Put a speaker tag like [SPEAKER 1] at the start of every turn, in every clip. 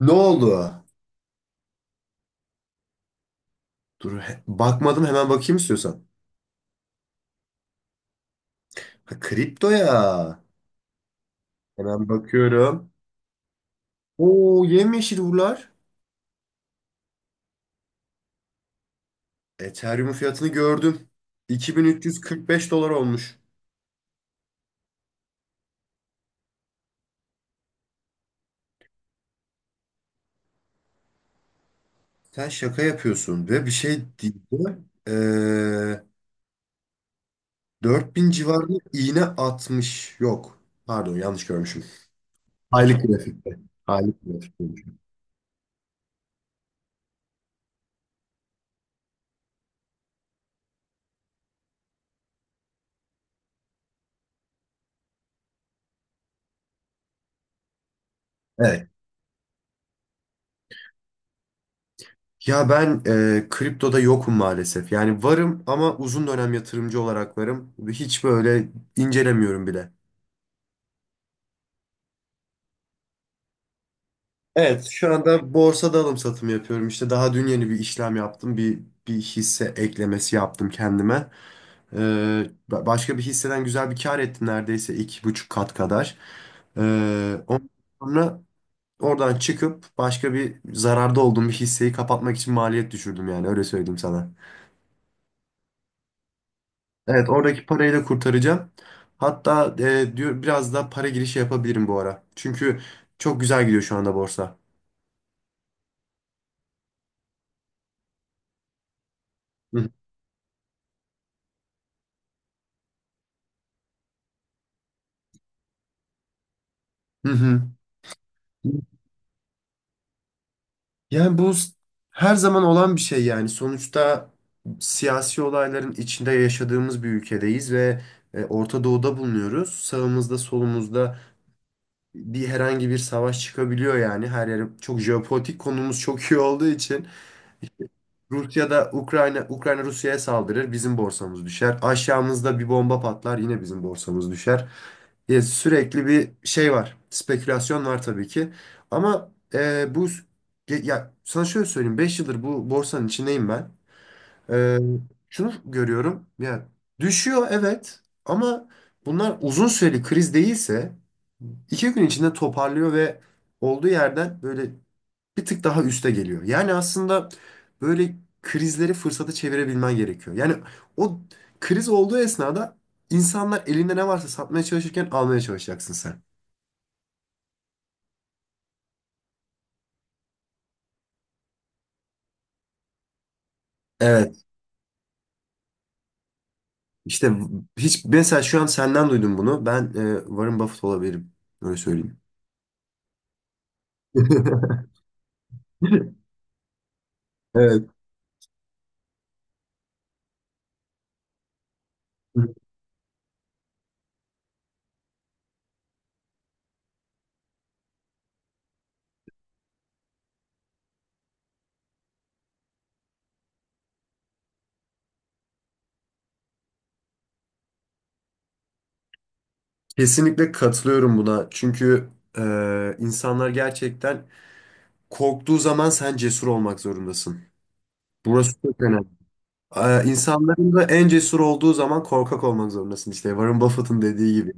[SPEAKER 1] Ne oldu? Dur bakmadım hemen bakayım istiyorsan. Ha, kripto ya. Hemen bakıyorum. Oo yemyeşil buralar. Ethereum fiyatını gördüm. 2345 dolar olmuş. Sen şaka yapıyorsun ve bir şey değil de ee, 4000 civarında iğne atmış. Yok. Pardon yanlış görmüşüm. Aylık grafikte. Aylık grafikte. Evet. Ya ben kriptoda yokum maalesef. Yani varım ama uzun dönem yatırımcı olarak varım. Hiç böyle incelemiyorum bile. Evet, şu anda borsada alım satım yapıyorum. İşte daha dün yeni bir işlem yaptım. Bir hisse eklemesi yaptım kendime. E, Başka bir hisseden güzel bir kar ettim, neredeyse 2,5 kat kadar. E, Ondan sonra oradan çıkıp başka bir zararda olduğum bir hisseyi kapatmak için maliyet düşürdüm, yani öyle söyleyeyim sana. Evet, oradaki parayı da kurtaracağım. Hatta diyor biraz da para girişi yapabilirim bu ara. Çünkü çok güzel gidiyor şu anda borsa. Hı hı. Hı. Yani her zaman olan bir şey yani. Sonuçta siyasi olayların içinde yaşadığımız bir ülkedeyiz ve Orta Doğu'da bulunuyoruz. Sağımızda solumuzda bir herhangi bir savaş çıkabiliyor yani. Her yere çok, jeopolitik konumuz çok iyi olduğu için. Rusya'da Ukrayna Rusya'ya saldırır, bizim borsamız düşer. Aşağımızda bir bomba patlar, yine bizim borsamız düşer. Ya sürekli bir şey var. Spekülasyon var tabii ki. Ama ya sana şöyle söyleyeyim. 5 yıldır bu borsanın içindeyim ben. E, Şunu görüyorum. Ya düşüyor evet, ama bunlar uzun süreli kriz değilse 2 gün içinde toparlıyor ve olduğu yerden böyle bir tık daha üste geliyor. Yani aslında böyle krizleri fırsata çevirebilmen gerekiyor. Yani o kriz olduğu esnada insanlar elinde ne varsa satmaya çalışırken almaya çalışacaksın sen. Evet. İşte hiç mesela şu an senden duydum bunu. Ben Warren Buffett olabilirim. Öyle söyleyeyim. Evet. Kesinlikle katılıyorum buna. Çünkü insanlar gerçekten korktuğu zaman sen cesur olmak zorundasın. Burası çok önemli. İnsanların da en cesur olduğu zaman korkak olmak zorundasın işte. Warren Buffett'ın dediği gibi.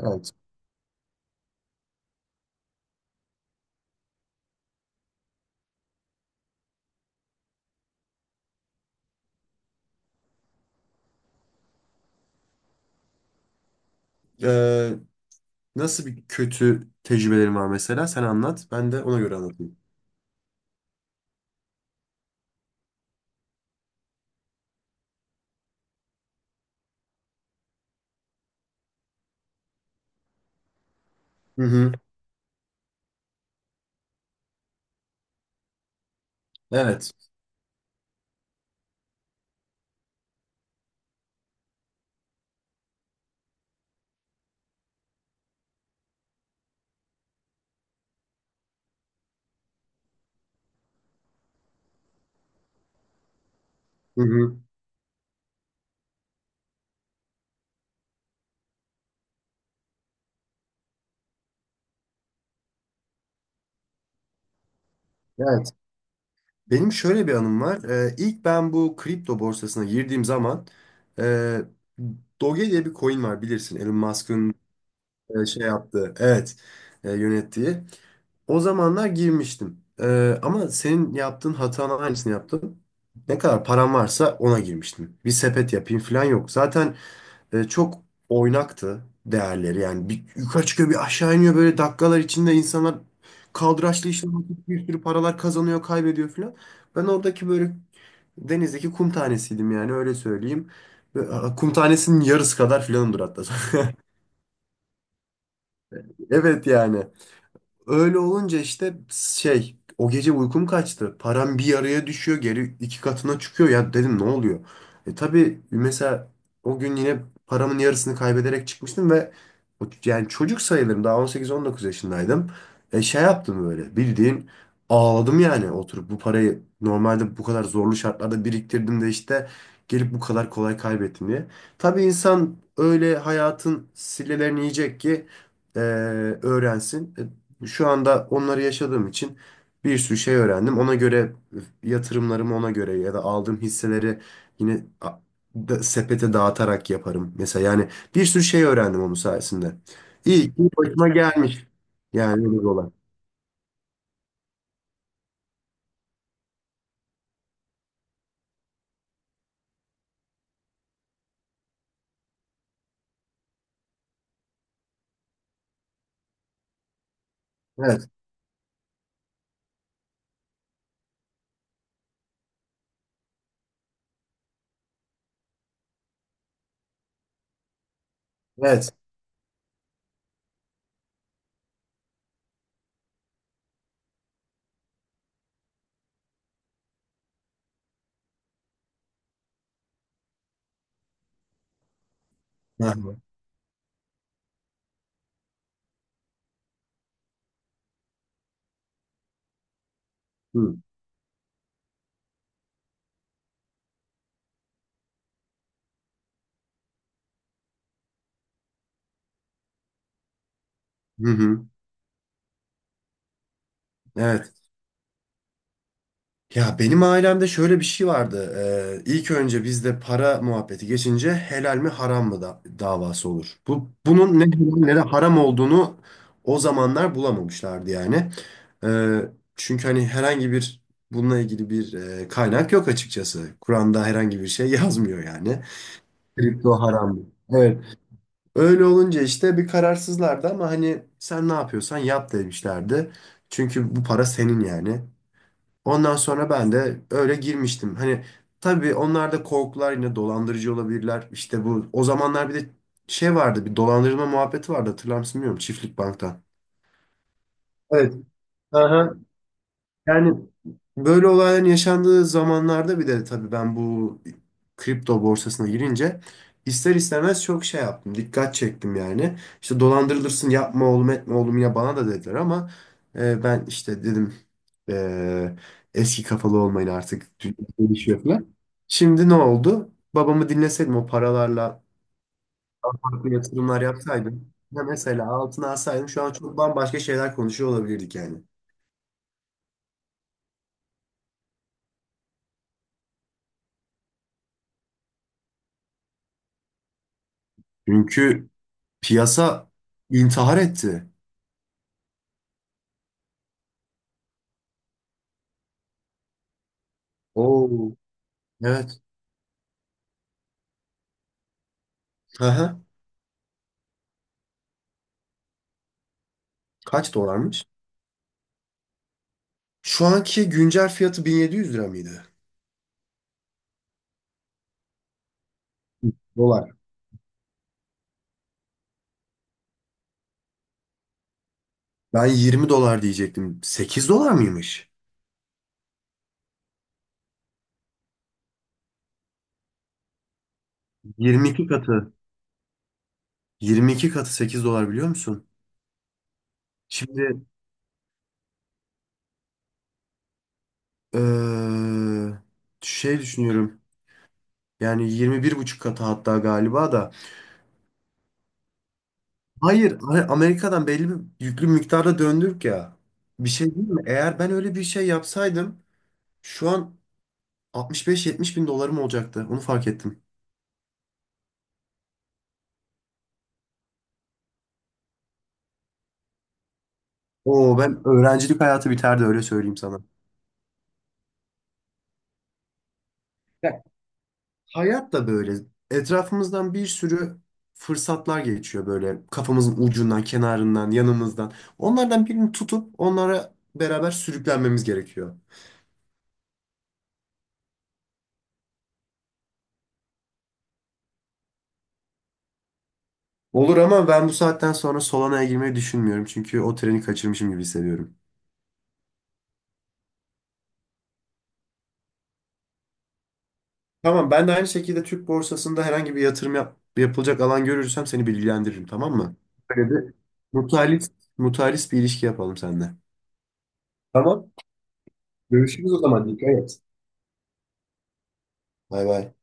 [SPEAKER 1] Evet. Ee, Nasıl bir kötü tecrübelerin var mesela? Sen anlat. Ben de ona göre anlatayım. Hı hı. Evet. Hı hı. Evet. Benim şöyle bir anım var. İlk ben bu kripto borsasına girdiğim zaman e, Doge diye bir coin var bilirsin. Elon Musk'ın şey yaptığı. Evet. Yönettiği. O zamanlar girmiştim. Ama senin yaptığın hatanın aynısını yaptım. Ne kadar param varsa ona girmiştim. Bir sepet yapayım falan yok. Zaten çok oynaktı değerleri. Yani bir yukarı çıkıyor bir aşağı iniyor, böyle dakikalar içinde insanlar kaldıraçlı işlem yapıp bir sürü paralar kazanıyor, kaybediyor falan. Ben oradaki böyle denizdeki kum tanesiydim, yani öyle söyleyeyim. Ve, a, kum tanesinin yarısı kadar filanımdır hatta. Evet yani. Öyle olunca işte şey, o gece uykum kaçtı. Param bir yarıya düşüyor, geri iki katına çıkıyor. Ya dedim, ne oluyor? E tabii mesela o gün yine paramın yarısını kaybederek çıkmıştım ve yani çocuk sayılırım, daha 18-19 yaşındaydım. E şey yaptım, böyle bildiğin ağladım yani, oturup bu parayı normalde bu kadar zorlu şartlarda biriktirdim de işte gelip bu kadar kolay kaybettim diye. Tabii insan öyle hayatın sillelerini yiyecek ki e, öğrensin. E şu anda onları yaşadığım için bir sürü şey öğrendim. Ona göre yatırımlarımı, ona göre ya da aldığım hisseleri yine sepete dağıtarak yaparım. Mesela yani bir sürü şey öğrendim onun sayesinde. İyi ki başıma gelmiş. Yani öyle bir olay. Evet. Evet. Hı hı. Hı hı. Evet. Ya benim ailemde şöyle bir şey vardı. İlk önce bizde para muhabbeti geçince helal mi haram mı da davası olur. Bu bunun ne helal ne de haram olduğunu o zamanlar bulamamışlardı yani. Ee, Çünkü hani herhangi bir, bununla ilgili bir kaynak yok açıkçası. Kur'an'da herhangi bir şey yazmıyor yani. Kripto haram mı? Evet. Öyle olunca işte bir kararsızlardı, ama hani sen ne yapıyorsan yap demişlerdi. Çünkü bu para senin yani. Ondan sonra ben de öyle girmiştim. Hani tabii onlar da korkular, yine dolandırıcı olabilirler. İşte bu, o zamanlar bir de şey vardı, bir dolandırılma muhabbeti vardı, hatırlar mısın bilmiyorum, Çiftlik Bank'tan. Evet. Aha. Yani böyle olayların yaşandığı zamanlarda bir de tabii ben bu kripto borsasına girince ister istemez çok şey yaptım. Dikkat çektim yani. İşte dolandırılırsın, yapma oğlum, etme oğlum, ya bana da dediler, ama ben işte dedim e, eski kafalı olmayın artık, dünya değişiyor falan. Şimdi ne oldu? Babamı dinleseydim o paralarla farklı yatırımlar yapsaydım. Ya mesela altına alsaydım şu an çok bambaşka şeyler konuşuyor olabilirdik yani. Çünkü piyasa intihar etti. Oo. Evet. Aha. Kaç dolarmış? Şu anki güncel fiyatı 1700 lira mıydı? Dolar. Ben 20 dolar diyecektim. 8 dolar mıymış? 22 katı. 22 katı 8 dolar biliyor musun? Şimdi eee, şey düşünüyorum. Yani 21,5 katı hatta galiba da. Hayır, hani Amerika'dan belli bir yüklü miktarda döndük ya. Bir şey değil mi? Eğer ben öyle bir şey yapsaydım şu an 65-70 bin dolarım olacaktı. Onu fark ettim. Oo, ben öğrencilik hayatı biterdi, öyle söyleyeyim sana. Ya, hayat da böyle. Etrafımızdan bir sürü fırsatlar geçiyor, böyle kafamızın ucundan, kenarından, yanımızdan. Onlardan birini tutup onlara beraber sürüklenmemiz gerekiyor. Olur, ama ben bu saatten sonra Solana'ya girmeyi düşünmüyorum. Çünkü o treni kaçırmışım gibi hissediyorum. Tamam, ben de aynı şekilde Türk borsasında herhangi bir yatırım yapılacak alan görürsem seni bilgilendiririm, tamam mı? Böyle bir mutualist, mutualist bir ilişki yapalım seninle. Tamam. Görüşürüz o zaman. Dikkat et. Bay bay.